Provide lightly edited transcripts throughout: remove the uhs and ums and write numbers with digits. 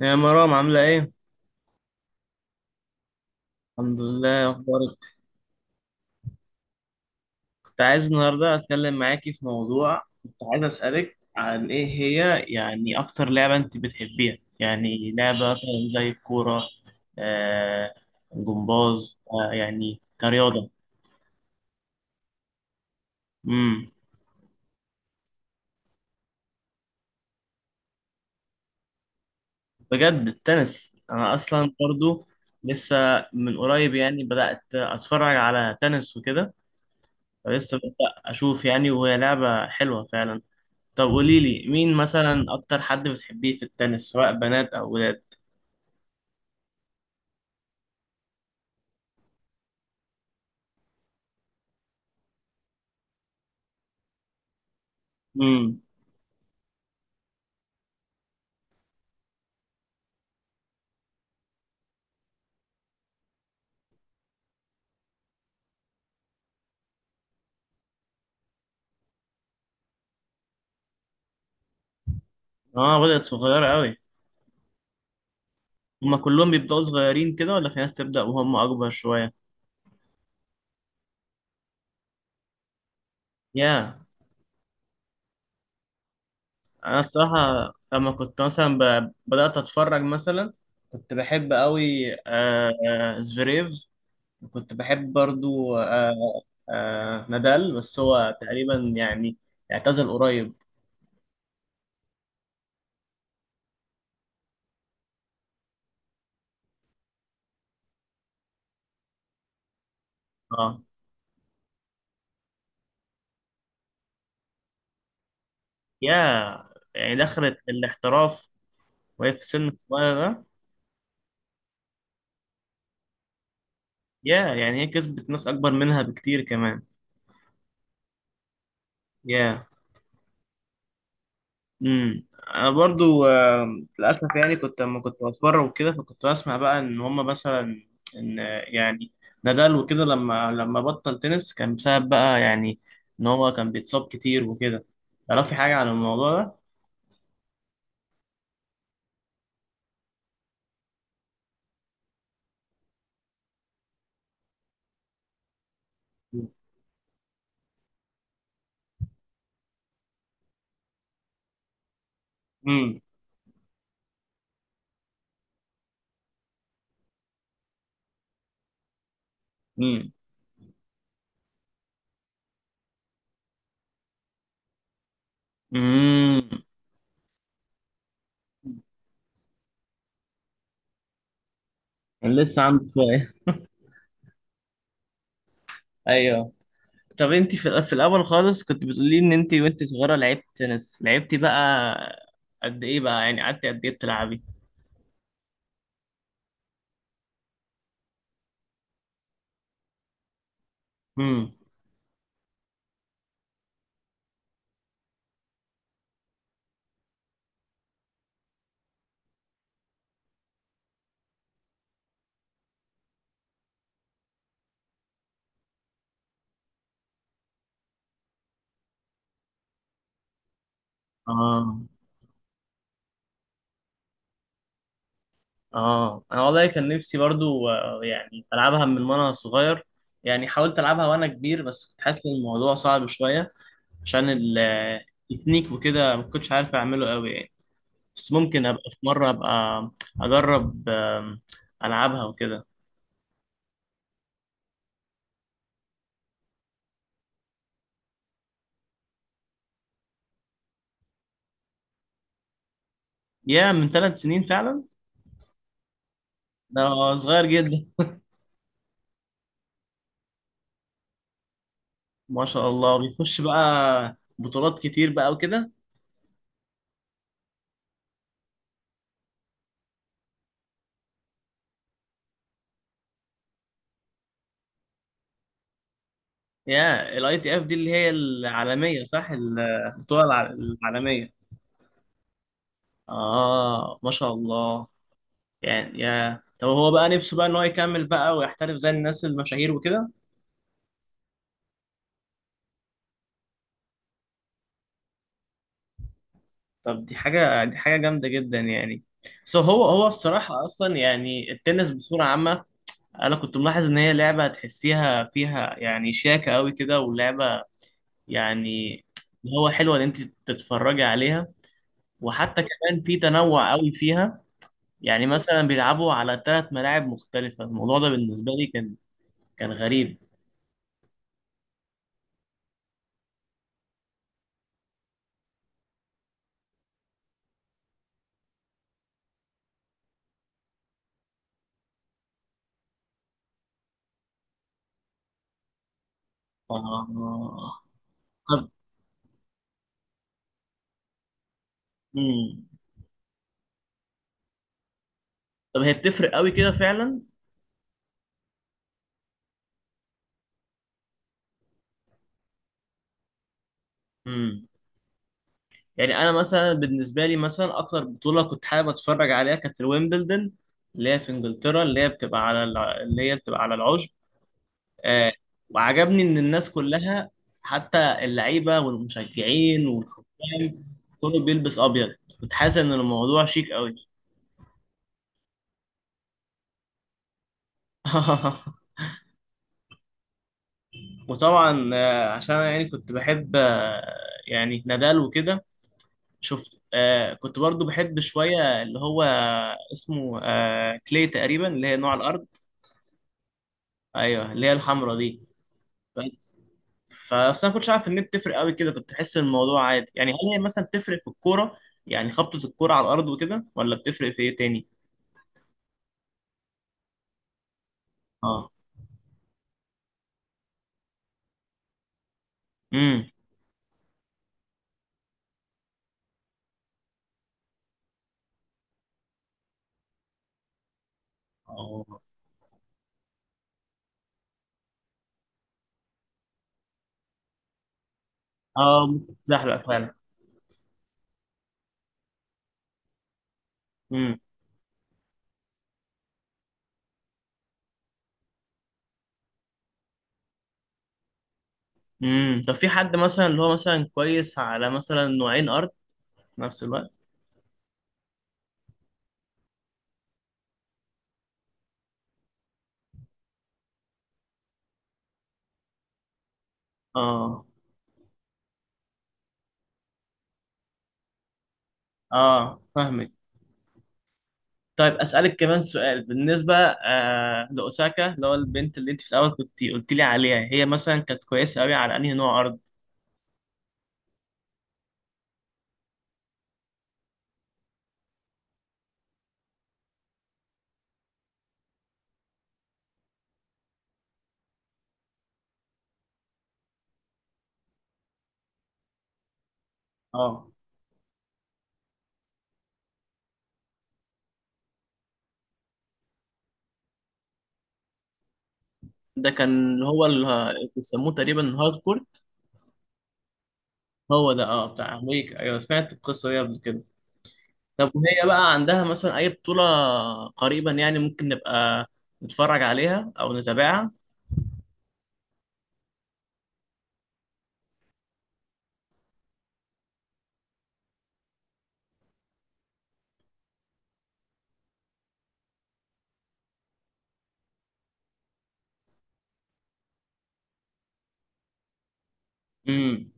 يا مرام، عاملة ايه؟ الحمد لله. إيه اخبارك؟ كنت عايز النهاردة اتكلم معاكي في موضوع. كنت عايز اسألك، عن ايه هي يعني اكتر لعبة انت بتحبيها، يعني لعبة مثلا زي الكورة. آه، جمباز، يعني كرياضة. امم بجد التنس انا اصلا برضو لسه. من قريب يعني بدأت اتفرج على تنس وكده، فلسه ببدأ اشوف يعني، وهي لعبة حلوة فعلا. طب قولي لي، مين مثلا اكتر حد بتحبيه في التنس، سواء بنات او ولاد؟ امم اه، بدأت صغيرة قوي. هما كلهم بيبدأوا صغيرين كده ولا في ناس تبدأ وهم اكبر شوية؟ يا انا الصراحة لما كنت مثلا بدأت اتفرج مثلا، كنت بحب قوي زفيريف. كنت بحب برضو نادال، بس هو تقريبا يعني اعتزل قريب. اه. يا يعني دخلت الاحتراف وهي في سن صغير ده. يعني هي كسبت ناس اكبر منها بكتير كمان. يا امم انا برضو للاسف يعني، كنت لما كنت بتفرج وكده، فكنت بسمع بقى ان هم مثلا، ان يعني نادال وكده لما بطل تنس كان بسبب بقى يعني ان هو كان بيتصاب كتير وكده. تعرفي حاجة عن الموضوع ده؟ امم امم امم لسه عندي شوية. ايوه. طب انت في الاول خالص كنت بتقولي ان انت وانت صغيره لعبت تنس. لعبتي بقى قد ايه بقى، يعني قعدتي قد ايه بتلعبي؟ امم اه اه انا والله كان نفسي برضو يعني العبها من وانا صغير. يعني حاولت العبها وانا كبير بس كنت حاسس ان الموضوع صعب شويه، عشان التكنيك وكده ما كنتش عارف اعمله قوي يعني. بس ممكن ابقى في مره ابقى اجرب العبها وكده. من 3 سنين فعلا؟ ده صغير جدا. ما شاء الله، بيخش بقى بطولات كتير بقى وكده. الاي تي اف دي اللي هي العالمية، صح؟ البطولة العالمية. اه، ما شاء الله. يعني طب هو بقى نفسه بقى ان هو يكمل بقى ويحترف زي الناس المشاهير وكده؟ طب دي حاجة جامدة جدا يعني. سو هو الصراحة اصلا يعني التنس بصورة عامة، انا كنت ملاحظ ان هي لعبة تحسيها فيها يعني شياكة قوي كده، ولعبة يعني اللي هو حلوة ان انت تتفرجي عليها. وحتى كمان في تنوع قوي فيها. يعني مثلا بيلعبوا على 3 ملاعب مختلفة. الموضوع ده بالنسبة لي كان غريب. آه. طب مم. طب هي بتفرق قوي كده فعلا. مم. يعني انا مثلا بالنسبة لي، مثلا اكتر بطولة كنت حابب اتفرج عليها كانت الويمبلدون، اللي هي في انجلترا، اللي هي بتبقى على اللي هي بتبقى على العشب. آه. وعجبني ان الناس كلها، حتى اللعيبة والمشجعين والحكام، كله بيلبس ابيض. كنت حاسس ان الموضوع شيك قوي. وطبعا عشان أنا يعني كنت بحب يعني نادال وكده. شفت كنت برضو بحب شوية اللي هو اسمه كلي تقريبا، اللي هي نوع الأرض. أيوه، اللي هي الحمرا دي. بس، فأصل أنا كنتش عارف إن هي بتفرق قوي كده، كنت بحس إن الموضوع عادي يعني. هل هي مثلا بتفرق في الكورة، يعني خبطة الكورة على الأرض وكده، ولا بتفرق في إيه تاني؟ اه. امم. اه. آه، بتزحلق فعلا. امم، طب في حد مثلا اللي هو مثلا كويس على مثلا نوعين ارض في نفس الوقت؟ اه. اه، فاهمك. طيب اسالك كمان سؤال، بالنسبه لاوساكا، اللي هو البنت اللي انت في الاول كنت قلت لي عليها، هي مثلا كانت كويسه قوي على انهي نوع ارض؟ اه، ده كان اللي هو اللي بيسموه تقريبا الهارد كور. هو ده، اه، بتاع ويك. ايوه، سمعت القصه دي قبل كده. طب وهي بقى عندها مثلا اي بطوله قريبا يعني، ممكن نبقى نتفرج عليها او نتابعها؟ امم،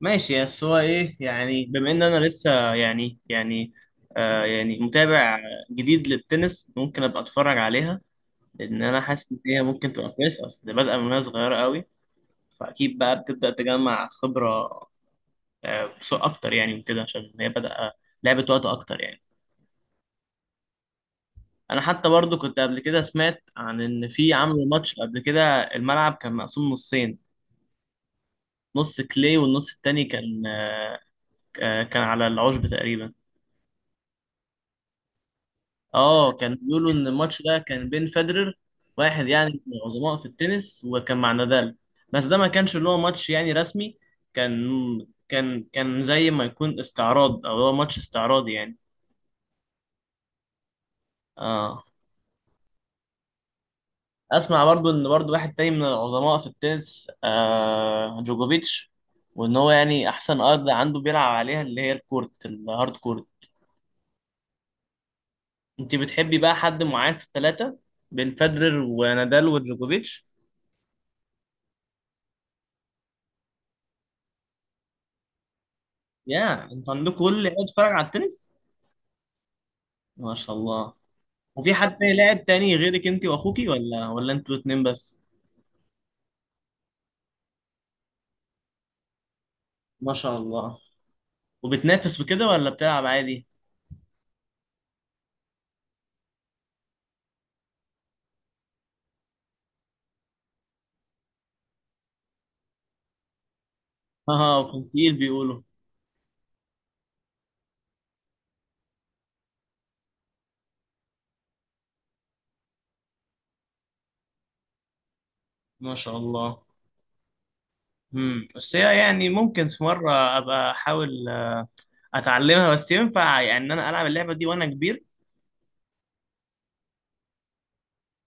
ماشي. بس هو ايه يعني، بما ان انا لسه يعني يعني متابع جديد للتنس، ممكن ابقى اتفرج عليها، لان انا حاسس ان هي ممكن تبقى كويسه، اصل بادئه من وهي صغيره قوي. فاكيد بقى بتبدا تجمع خبره، بسوق اكتر يعني وكده، عشان هي بدأ لعبه وقت اكتر يعني. انا حتى برضو كنت قبل كده سمعت عن ان في عملوا ماتش قبل كده، الملعب كان مقسوم نصين، نص كلي والنص التاني كان كان على العشب تقريبا. اه، كان بيقولوا ان الماتش ده كان بين فederer، واحد يعني من العظماء في التنس، وكان مع نادال. بس ده ما كانش اللي هو ماتش يعني رسمي، كان كان زي ما يكون استعراض، او هو ماتش استعراضي يعني. اه. اسمع برضو ان برضو واحد تاني من العظماء في التنس، جوجوفيتش، وان هو يعني احسن ارض عنده بيلعب عليها اللي هي الكورت، الهارد كورت. انت بتحبي بقى حد معين في الثلاثة، بين فederer ونادال وجوجوفيتش؟ انت عندك كل اللي بيتفرج على التنس، ما شاء الله. وفي حد تاني، لاعب تاني غيرك انت واخوكي، ولا انتوا اتنين بس؟ ما شاء الله. وبتنافس وكده ولا بتلعب عادي؟ اه، كنت تقيل بيقولوا. ما شاء الله. بس هي يعني ممكن في مره ابقى احاول اتعلمها. بس ينفع يعني ان انا العب اللعبه دي وانا كبير،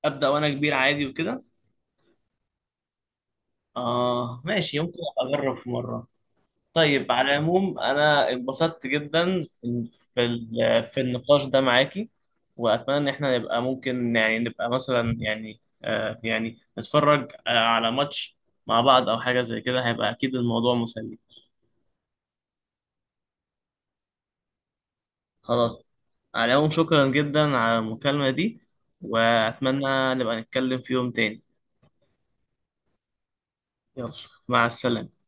ابدا وانا كبير عادي وكده؟ اه ماشي، ممكن ابقى اجرب في مره. طيب على العموم انا انبسطت جدا في في النقاش ده معاكي. واتمنى ان احنا نبقى ممكن يعني نبقى مثلا يعني يعني نتفرج على ماتش مع بعض او حاجة زي كده، هيبقى اكيد الموضوع مسلي. خلاص. على العموم شكرا جدا على المكالمة دي، واتمنى نبقى نتكلم في يوم تاني. يلا، مع السلامة.